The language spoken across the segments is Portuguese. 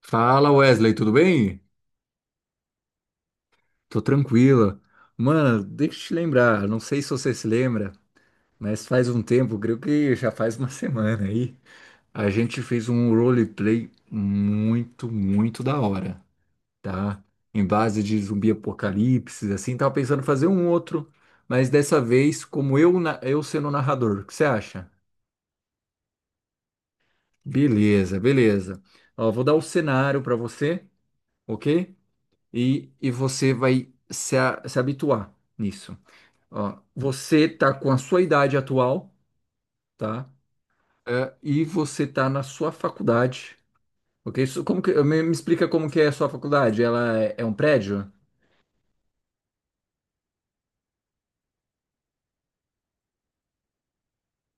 Fala, Wesley, tudo bem? Tô tranquila. Mano, deixa eu te lembrar, não sei se você se lembra, mas faz um tempo, creio que já faz uma semana aí, a gente fez um roleplay muito, muito da hora, tá? Em base de zumbi apocalipse, assim, tava pensando em fazer um outro, mas dessa vez, como eu, eu sendo o narrador, o que você acha? Beleza, beleza. Ó, vou dar o cenário pra você, ok? E você vai se habituar nisso. Ó, você tá com a sua idade atual, tá? É, e você tá na sua faculdade, ok? Isso, como que, me explica como que é a sua faculdade? Ela é um prédio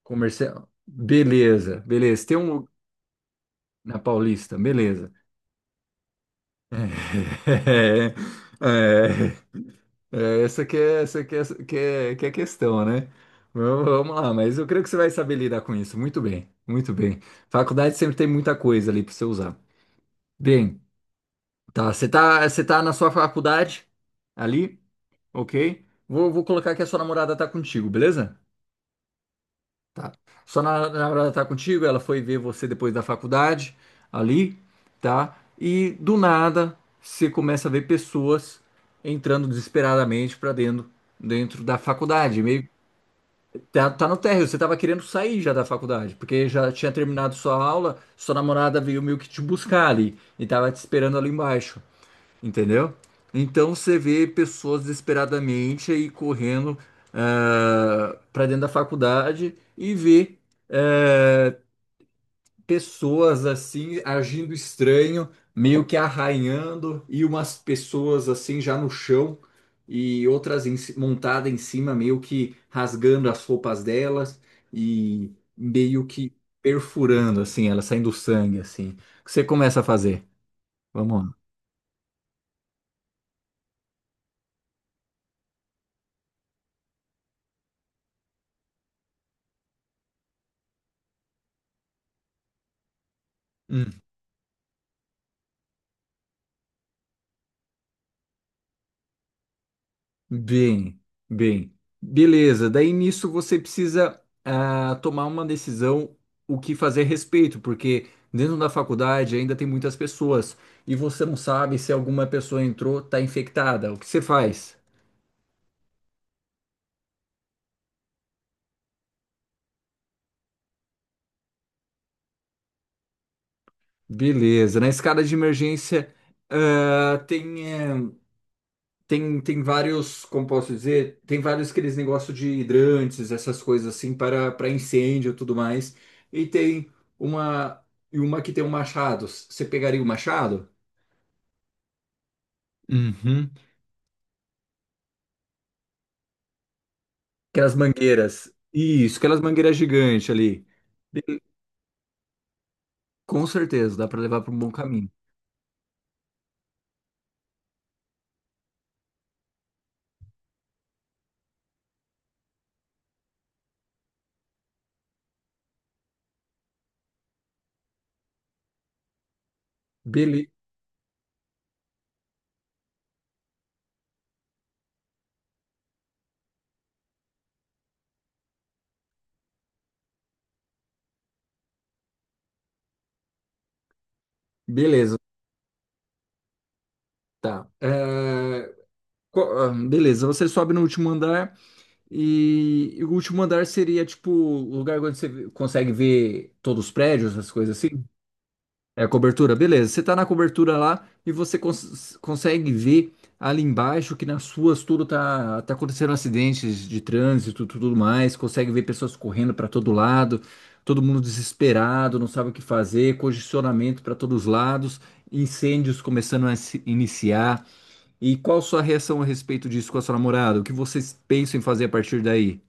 comercial? Beleza, beleza. Tem um na Paulista, beleza. É, é, É, essa que é, essa que é, que é, que é a questão, né? Vamos lá, mas eu creio que você vai saber lidar com isso. Muito bem, muito bem. Faculdade sempre tem muita coisa ali para você usar. Bem, tá, você tá na sua faculdade ali, ok? Vou colocar que a sua namorada tá contigo, beleza? Tá. Sua namorada tá contigo, ela foi ver você depois da faculdade ali, tá? E do nada você começa a ver pessoas entrando desesperadamente para dentro da faculdade, meio. Tá, tá no térreo, você tava querendo sair já da faculdade, porque já tinha terminado sua aula, sua namorada veio meio que te buscar ali e tava te esperando ali embaixo, entendeu? Então você vê pessoas desesperadamente aí correndo pra dentro da faculdade e vê eh, pessoas assim agindo estranho, meio que arranhando, e umas pessoas assim já no chão e outras em montada em cima, meio que rasgando as roupas delas e meio que perfurando assim, elas saindo sangue assim. O que você começa a fazer? Vamos lá. Bem, bem. Beleza. Daí nisso você precisa tomar uma decisão o que fazer a respeito, porque dentro da faculdade ainda tem muitas pessoas e você não sabe se alguma pessoa entrou, tá infectada. O que você faz? Beleza. Na escada de emergência ah, tem. eh, tem, tem vários, como posso dizer, tem vários aqueles negócios de hidrantes, essas coisas assim, para incêndio e tudo mais. E tem uma que tem um machado. Você pegaria o machado? Uhum. Aquelas mangueiras. Isso, aquelas mangueiras gigantes ali. Bele-. Com certeza, dá para levar para um bom caminho. Bele- beleza, tá. É, beleza, você sobe no último andar. E o último andar seria tipo o lugar onde você consegue ver todos os prédios, essas coisas assim. É a cobertura, beleza. Você tá na cobertura lá e você consegue ver ali embaixo que nas ruas tá acontecendo acidentes de trânsito, tudo mais. Consegue ver pessoas correndo para todo lado, todo mundo desesperado, não sabe o que fazer, congestionamento para todos os lados, incêndios começando a se iniciar. E qual sua reação a respeito disso com a sua namorada? O que vocês pensam em fazer a partir daí?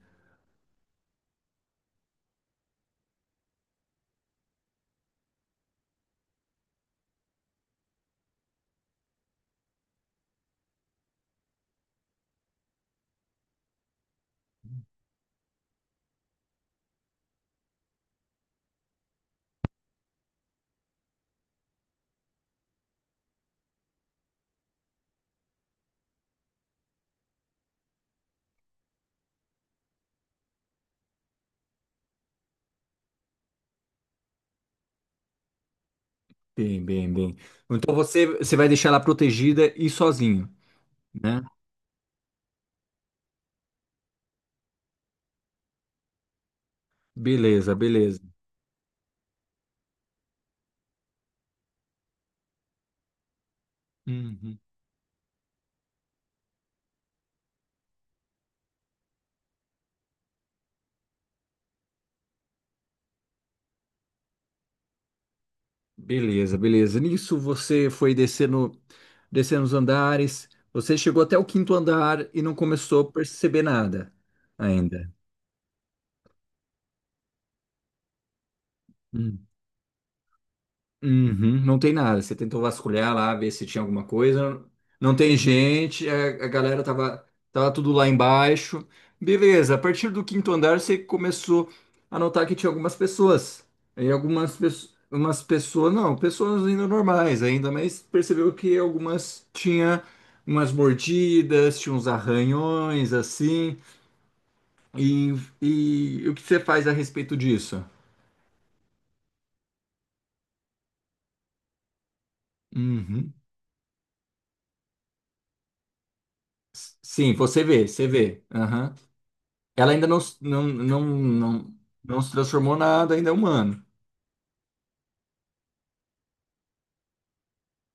Bem, bem, bem. Então você vai deixar ela protegida e sozinho, né? Beleza, beleza. Uhum. Beleza, beleza. Nisso você foi descendo, descendo os andares. Você chegou até o quinto andar e não começou a perceber nada ainda. Uhum, não tem nada. Você tentou vasculhar lá, ver se tinha alguma coisa. Não tem gente, a galera tava, tava tudo lá embaixo. Beleza, a partir do quinto andar você começou a notar que tinha algumas pessoas. E algumas pessoas, umas pessoas, não, pessoas ainda normais ainda, mas percebeu que algumas tinha umas mordidas, tinha uns arranhões assim. E, e o que você faz a respeito disso? Uhum. S-. Sim, você vê, você vê. Aham. Ela ainda não, não, não, não se transformou nada, ainda é humano.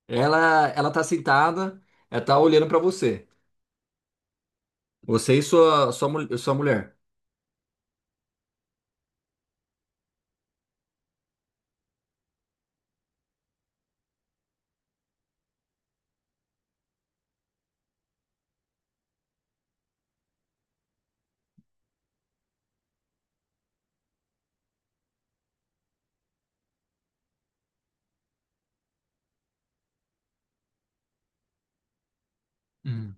Ela tá sentada, ela tá olhando pra você. Você e sua mulher. Hum.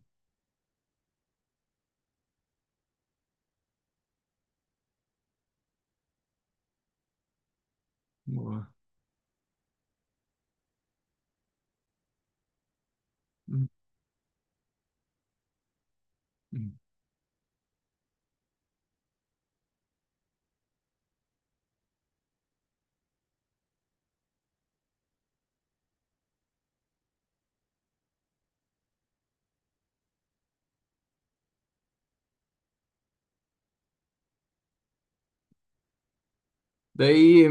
Boa. Hum, hum. Daí,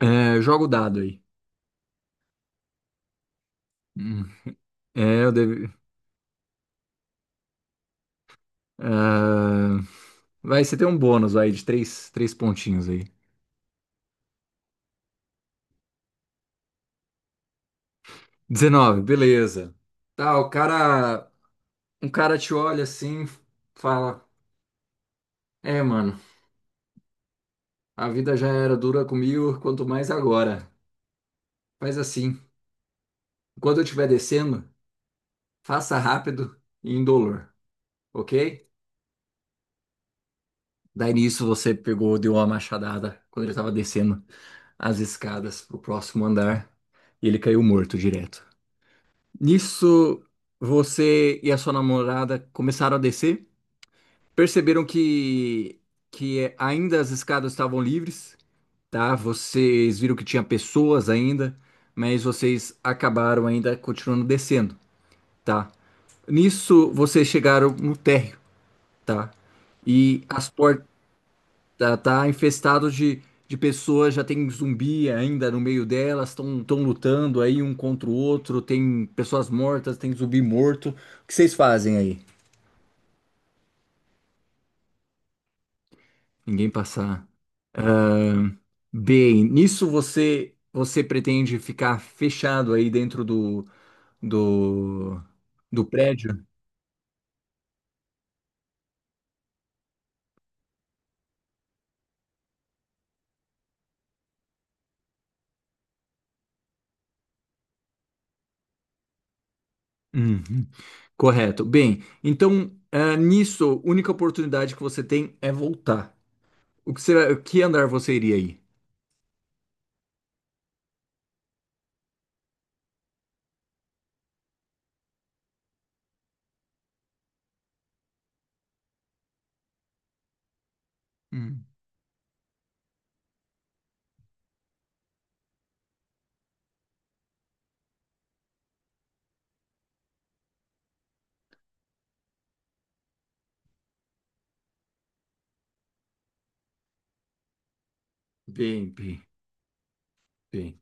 é, joga o dado aí. Hum. É, eu deve. ah, vai, você tem um bônus aí de três, três pontinhos aí. 19, beleza. Tá, o cara. Um cara te olha assim, fala: É, mano, a vida já era dura comigo, quanto mais agora. Faz assim. Quando eu estiver descendo, faça rápido e indolor, ok? Daí nisso você pegou, deu uma machadada quando ele estava descendo as escadas pro próximo andar e ele caiu morto direto. Nisso, você e a sua namorada começaram a descer, perceberam que ainda as escadas estavam livres, tá? Vocês viram que tinha pessoas ainda, mas vocês acabaram ainda continuando descendo, tá? Nisso, vocês chegaram no térreo. Tá. E as portas tá infestado de pessoas, já tem zumbi ainda no meio delas, estão tão lutando aí um contra o outro, tem pessoas mortas, tem zumbi morto. O que vocês fazem aí? Ninguém passar. Bem, nisso você pretende ficar fechado aí dentro do, do prédio? Uhum. Correto. Bem, então nisso, a única oportunidade que você tem é voltar. O que, você, o que andar você iria aí? Hum. Bem, bem, bem.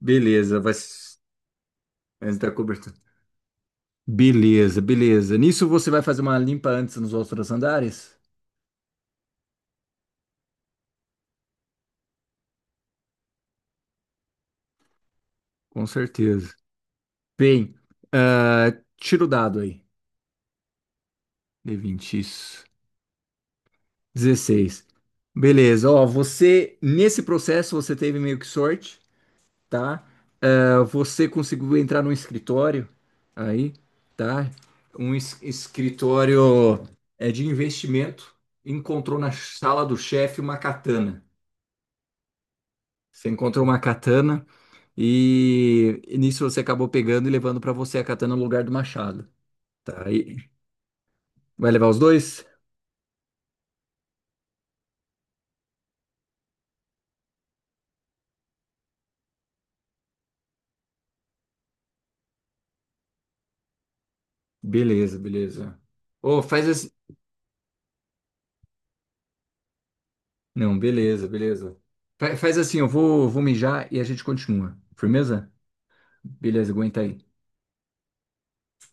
Beleza, vai s- antes da cobertura. Beleza, beleza. Nisso você vai fazer uma limpa antes nos outros andares? Com certeza. Bem, ah, tira o dado aí. D vinte isso. 16. Beleza, ó, você, nesse processo, você teve meio que sorte. Tá? É, você conseguiu entrar num escritório aí, tá? Um escritório de investimento. Encontrou na sala do chefe uma katana. Você encontrou uma katana e nisso você acabou pegando e levando para você a katana no lugar do machado, tá? Aí vai levar os dois? Beleza, beleza. Ô, faz assim. Não, beleza, beleza. Faz assim, vou mijar e a gente continua. Firmeza? Beleza, aguenta aí.